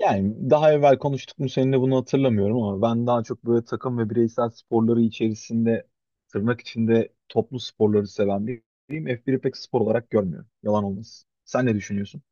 Yani daha evvel konuştuk mu seninle bunu hatırlamıyorum ama ben daha çok böyle takım ve bireysel sporları içerisinde tırnak içinde toplu sporları seven biriyim. F1'i pek spor olarak görmüyorum. Yalan olmasın. Sen ne düşünüyorsun?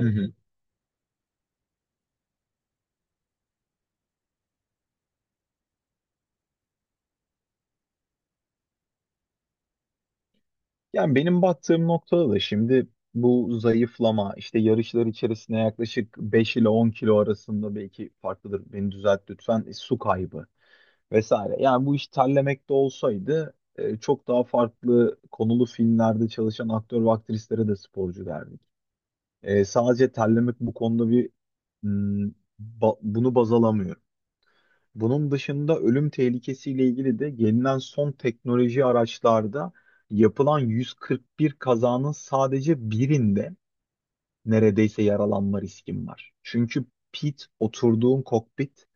Hı hı. Yani benim baktığım noktada da şimdi bu zayıflama işte yarışlar içerisinde yaklaşık 5 ile 10 kilo arasında belki farklıdır. Beni düzelt lütfen. Su kaybı. Vesaire. Yani bu iş terlemekte olsaydı çok daha farklı konulu filmlerde çalışan aktör ve aktrislere de sporcu derdik. Sadece terlemek bu konuda bir, hmm, bunu baz alamıyorum. Bunun dışında ölüm tehlikesiyle ilgili de gelinen son teknoloji araçlarda yapılan 141 kazanın sadece birinde neredeyse yaralanma riskim var. Çünkü oturduğun kokpit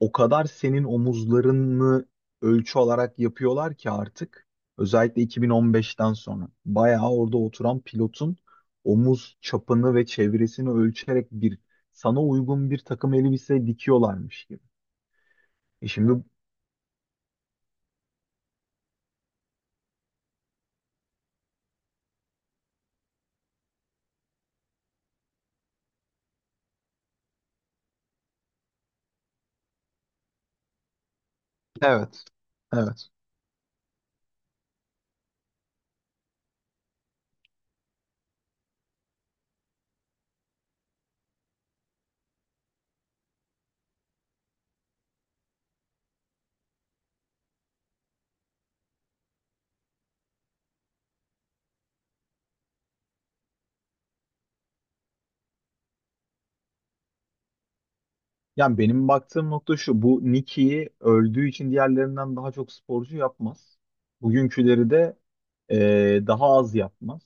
o kadar senin omuzlarını ölçü olarak yapıyorlar ki artık özellikle 2015'ten sonra bayağı orada oturan pilotun omuz çapını ve çevresini ölçerek bir sana uygun bir takım elbise dikiyorlarmış gibi. Şimdi. Evet. Evet. Yani benim baktığım nokta şu. Bu Nicky'yi öldüğü için diğerlerinden daha çok sporcu yapmaz. Bugünküleri de daha az yapmaz.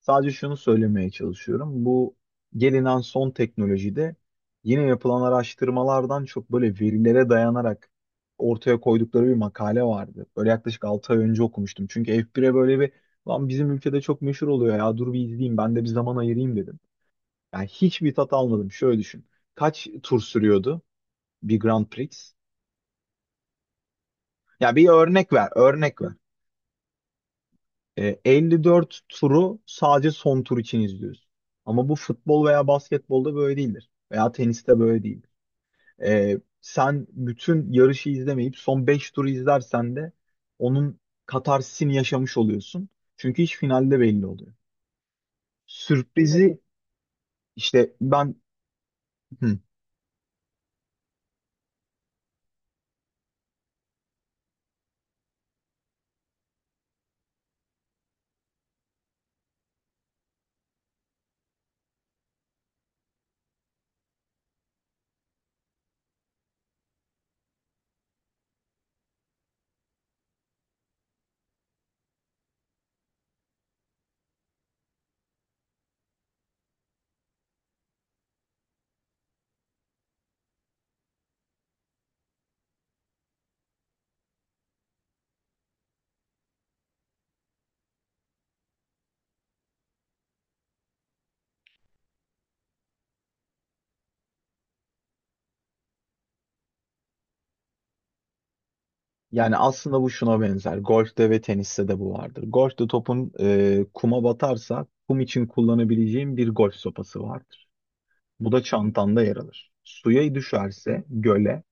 Sadece şunu söylemeye çalışıyorum. Bu gelinen son teknolojide yine yapılan araştırmalardan çok böyle verilere dayanarak ortaya koydukları bir makale vardı. Böyle yaklaşık 6 ay önce okumuştum. Çünkü F1'e böyle bir, lan, bizim ülkede çok meşhur oluyor ya, dur bir izleyeyim, ben de bir zaman ayırayım dedim. Yani hiçbir tat almadım. Şöyle düşün. Kaç tur sürüyordu bir Grand Prix? Ya bir örnek ver, örnek ver. 54 turu sadece son tur için izliyoruz. Ama bu futbol veya basketbolda böyle değildir. Veya teniste böyle değildir. Sen bütün yarışı izlemeyip son 5 turu izlersen de onun katarsisini yaşamış oluyorsun. Çünkü iş finalde belli oluyor. Evet. Sürprizi işte ben, hı. Yani aslında bu şuna benzer. Golf'te ve teniste de bu vardır. Golf'te topun kuma batarsa kum için kullanabileceğin bir golf sopası vardır. Bu da çantanda yer alır. Suya düşerse göle,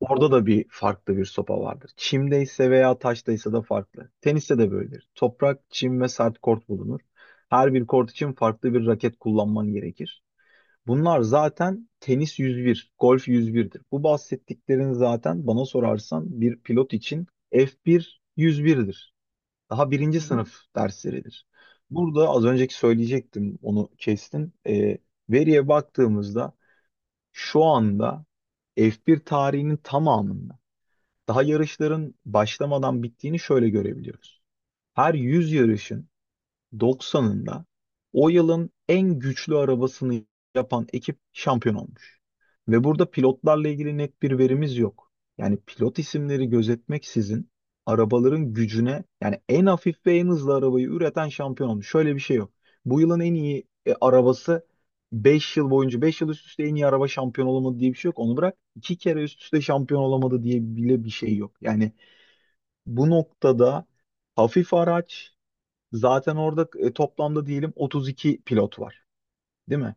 orada da bir farklı bir sopa vardır. Çimdeyse veya taştaysa da farklı. Teniste de böyledir. Toprak, çim ve sert kort bulunur. Her bir kort için farklı bir raket kullanman gerekir. Bunlar zaten tenis 101, golf yüz birdir. Bu bahsettiklerin zaten bana sorarsan bir pilot için F1 birdir. Daha birinci sınıf dersleridir. Burada az önceki söyleyecektim onu kestim. Veriye baktığımızda şu anda F1 tarihinin tamamında daha yarışların başlamadan bittiğini şöyle görebiliyoruz. Her 100 yarışın 90'ında o yılın en güçlü arabasını yapan ekip şampiyon olmuş. Ve burada pilotlarla ilgili net bir verimiz yok. Yani pilot isimleri gözetmeksizin arabaların gücüne yani en hafif ve en hızlı arabayı üreten şampiyon olmuş. Şöyle bir şey yok. Bu yılın en iyi arabası 5 yıl boyunca, 5 yıl üst üste en iyi araba şampiyon olamadı diye bir şey yok. Onu bırak 2 kere üst üste şampiyon olamadı diye bile bir şey yok. Yani bu noktada hafif araç. Zaten orada toplamda diyelim 32 pilot var, değil mi?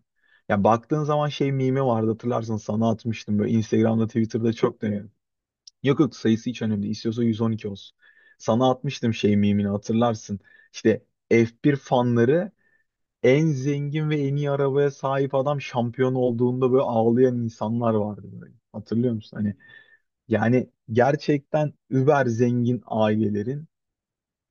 Ya baktığın zaman şey mimi vardı, hatırlarsın sana atmıştım, böyle Instagram'da, Twitter'da çok dönüyor. Yok yok, sayısı hiç önemli değil. İstiyorsa 112 olsun. Sana atmıştım şey mimini, hatırlarsın. İşte F1 fanları, en zengin ve en iyi arabaya sahip adam şampiyon olduğunda böyle ağlayan insanlar vardı böyle. Hatırlıyor musun? Hani yani gerçekten über zengin ailelerin,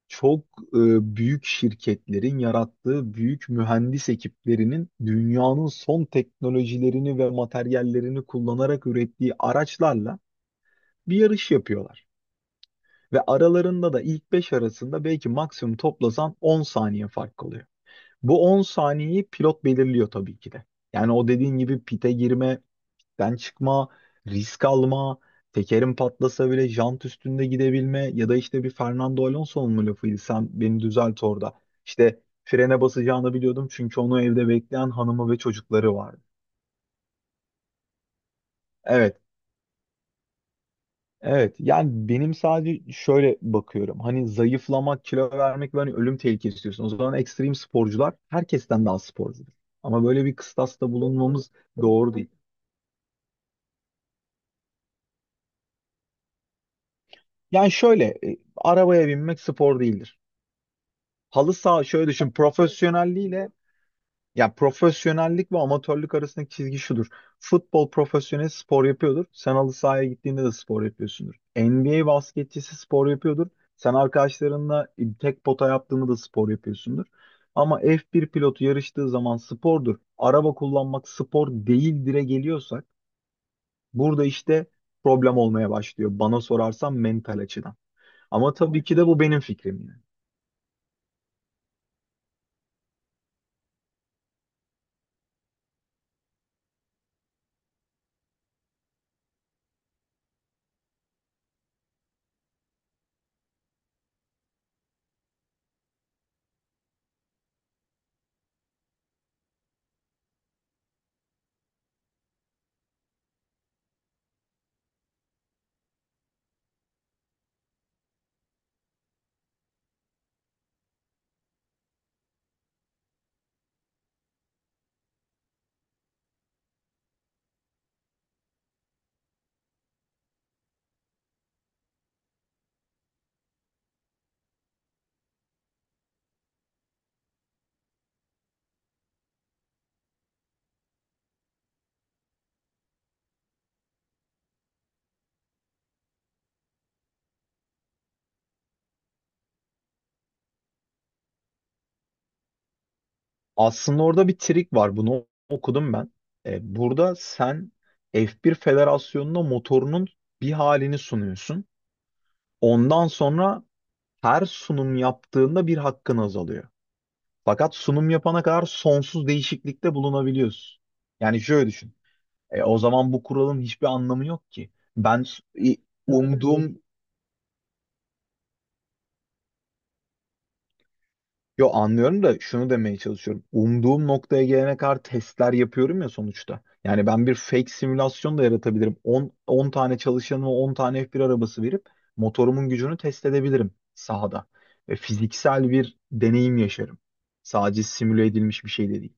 çok büyük şirketlerin yarattığı büyük mühendis ekiplerinin dünyanın son teknolojilerini ve materyallerini kullanarak ürettiği araçlarla bir yarış yapıyorlar. Ve aralarında da ilk 5 arasında belki maksimum toplasan 10 saniye fark kalıyor. Bu 10 saniyeyi pilot belirliyor tabii ki de. Yani o dediğin gibi pite girme, den çıkma, risk alma, tekerim patlasa bile jant üstünde gidebilme ya da işte bir Fernando Alonso'nun mu lafıydı, sen beni düzelt orada. İşte frene basacağını biliyordum çünkü onu evde bekleyen hanımı ve çocukları vardı. Evet, evet. Yani benim sadece şöyle bakıyorum. Hani zayıflamak, kilo vermek ve hani ölüm tehlikesi istiyorsun. O zaman ekstrem sporcular herkesten daha sporcudur. Ama böyle bir kıstasta bulunmamız doğru değil. Yani şöyle, arabaya binmek spor değildir. Halı saha şöyle düşün, profesyonelliğiyle, ya profesyonellik ve amatörlük arasındaki çizgi şudur. Futbol profesyonel spor yapıyordur. Sen halı sahaya gittiğinde de spor yapıyorsundur. NBA basketçisi spor yapıyordur. Sen arkadaşlarınla tek pota yaptığında da spor yapıyorsundur. Ama F1 pilotu yarıştığı zaman spordur. Araba kullanmak spor değil dire geliyorsak burada işte problem olmaya başlıyor. Bana sorarsan mental açıdan. Ama tabii ki de bu benim fikrim yani. Aslında orada bir trik var. Bunu okudum ben. Burada sen F1 Federasyonu'na motorunun bir halini sunuyorsun. Ondan sonra her sunum yaptığında bir hakkın azalıyor. Fakat sunum yapana kadar sonsuz değişiklikte bulunabiliyorsun. Yani şöyle düşün. O zaman bu kuralın hiçbir anlamı yok ki. Ben s- i- Hmm. Yo, anlıyorum da şunu demeye çalışıyorum. Umduğum noktaya gelene kadar testler yapıyorum ya sonuçta. Yani ben bir fake simülasyon da yaratabilirim. 10 tane çalışanıma 10 tane f bir arabası verip motorumun gücünü test edebilirim sahada. Ve fiziksel bir deneyim yaşarım. Sadece simüle edilmiş bir şey de değil.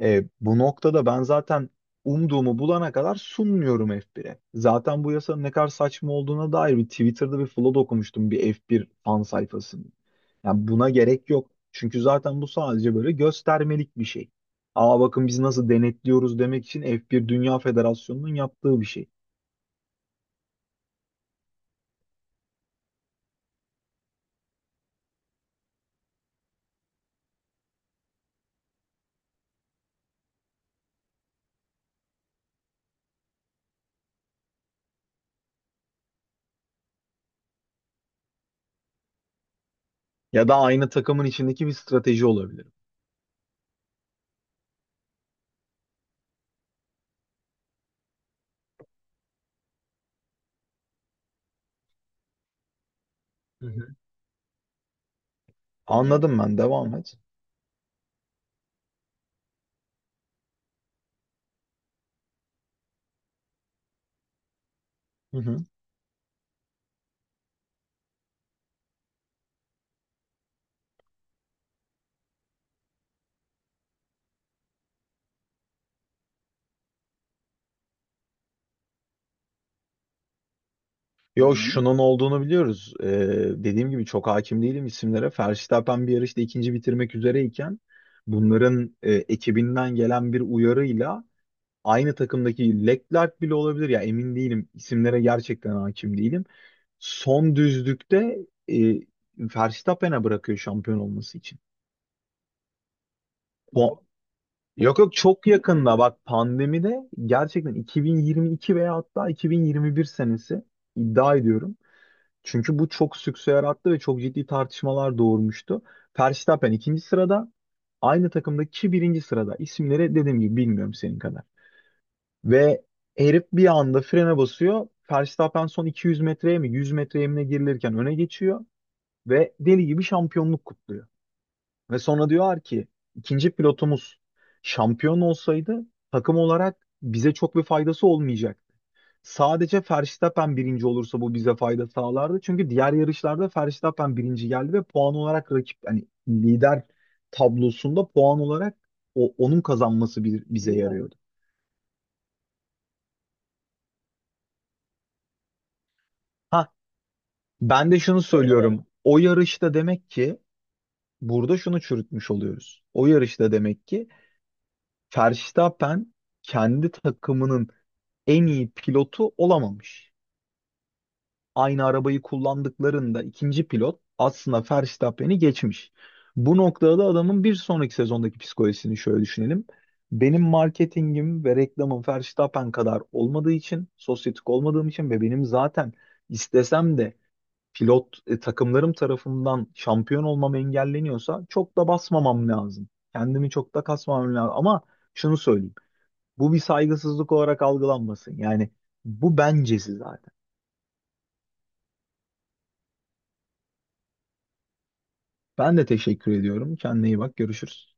Bu noktada ben zaten umduğumu bulana kadar sunmuyorum F1'e. Zaten bu yasanın ne kadar saçma olduğuna dair bir Twitter'da bir flood okumuştum, bir F1 fan sayfasında. Yani buna gerek yok. Çünkü zaten bu sadece böyle göstermelik bir şey. Aa, bakın biz nasıl denetliyoruz demek için F1 Dünya Federasyonu'nun yaptığı bir şey. Ya da aynı takımın içindeki bir strateji olabilir. Hı hı. Anladım ben. Devam et. Hı hı. Yo. Hı? Şunun olduğunu biliyoruz. Dediğim gibi çok hakim değilim isimlere. Verstappen bir yarışta ikinci bitirmek üzereyken bunların ekibinden gelen bir uyarıyla, aynı takımdaki Leclerc bile olabilir ya, emin değilim. İsimlere gerçekten hakim değilim. Son düzlükte e, Verstappen'e bırakıyor şampiyon olması için. O, yok yok, çok yakında bak, pandemide, gerçekten 2022 veya hatta 2021 senesi, iddia ediyorum. Çünkü bu çok sükse yarattı ve çok ciddi tartışmalar doğurmuştu. Verstappen ikinci sırada, aynı takımdaki kişi birinci sırada. İsimleri dediğim gibi bilmiyorum senin kadar. Ve herif bir anda frene basıyor. Verstappen son 200 metreye mi 100 metreye mi ne girilirken öne geçiyor ve deli gibi şampiyonluk kutluyor. Ve sonra diyorlar ki ikinci pilotumuz şampiyon olsaydı takım olarak bize çok bir faydası olmayacak. Sadece Verstappen birinci olursa bu bize fayda sağlardı. Çünkü diğer yarışlarda Verstappen birinci geldi ve puan olarak rakip, hani lider tablosunda puan olarak onun kazanması, bir, bize yarıyordu. Ha, ben de şunu söylüyorum. O yarışta demek ki burada şunu çürütmüş oluyoruz. O yarışta demek ki Verstappen kendi takımının en iyi pilotu olamamış. Aynı arabayı kullandıklarında ikinci pilot aslında Verstappen'i geçmiş. Bu noktada da adamın bir sonraki sezondaki psikolojisini şöyle düşünelim. Benim marketingim ve reklamım Verstappen kadar olmadığı için, sosyetik olmadığım için ve benim zaten istesem de pilot takımlarım tarafından şampiyon olmam engelleniyorsa çok da basmamam lazım. Kendimi çok da kasmamam lazım. Ama şunu söyleyeyim. Bu bir saygısızlık olarak algılanmasın. Yani bu bencesi zaten. Ben de teşekkür ediyorum. Kendine iyi bak. Görüşürüz.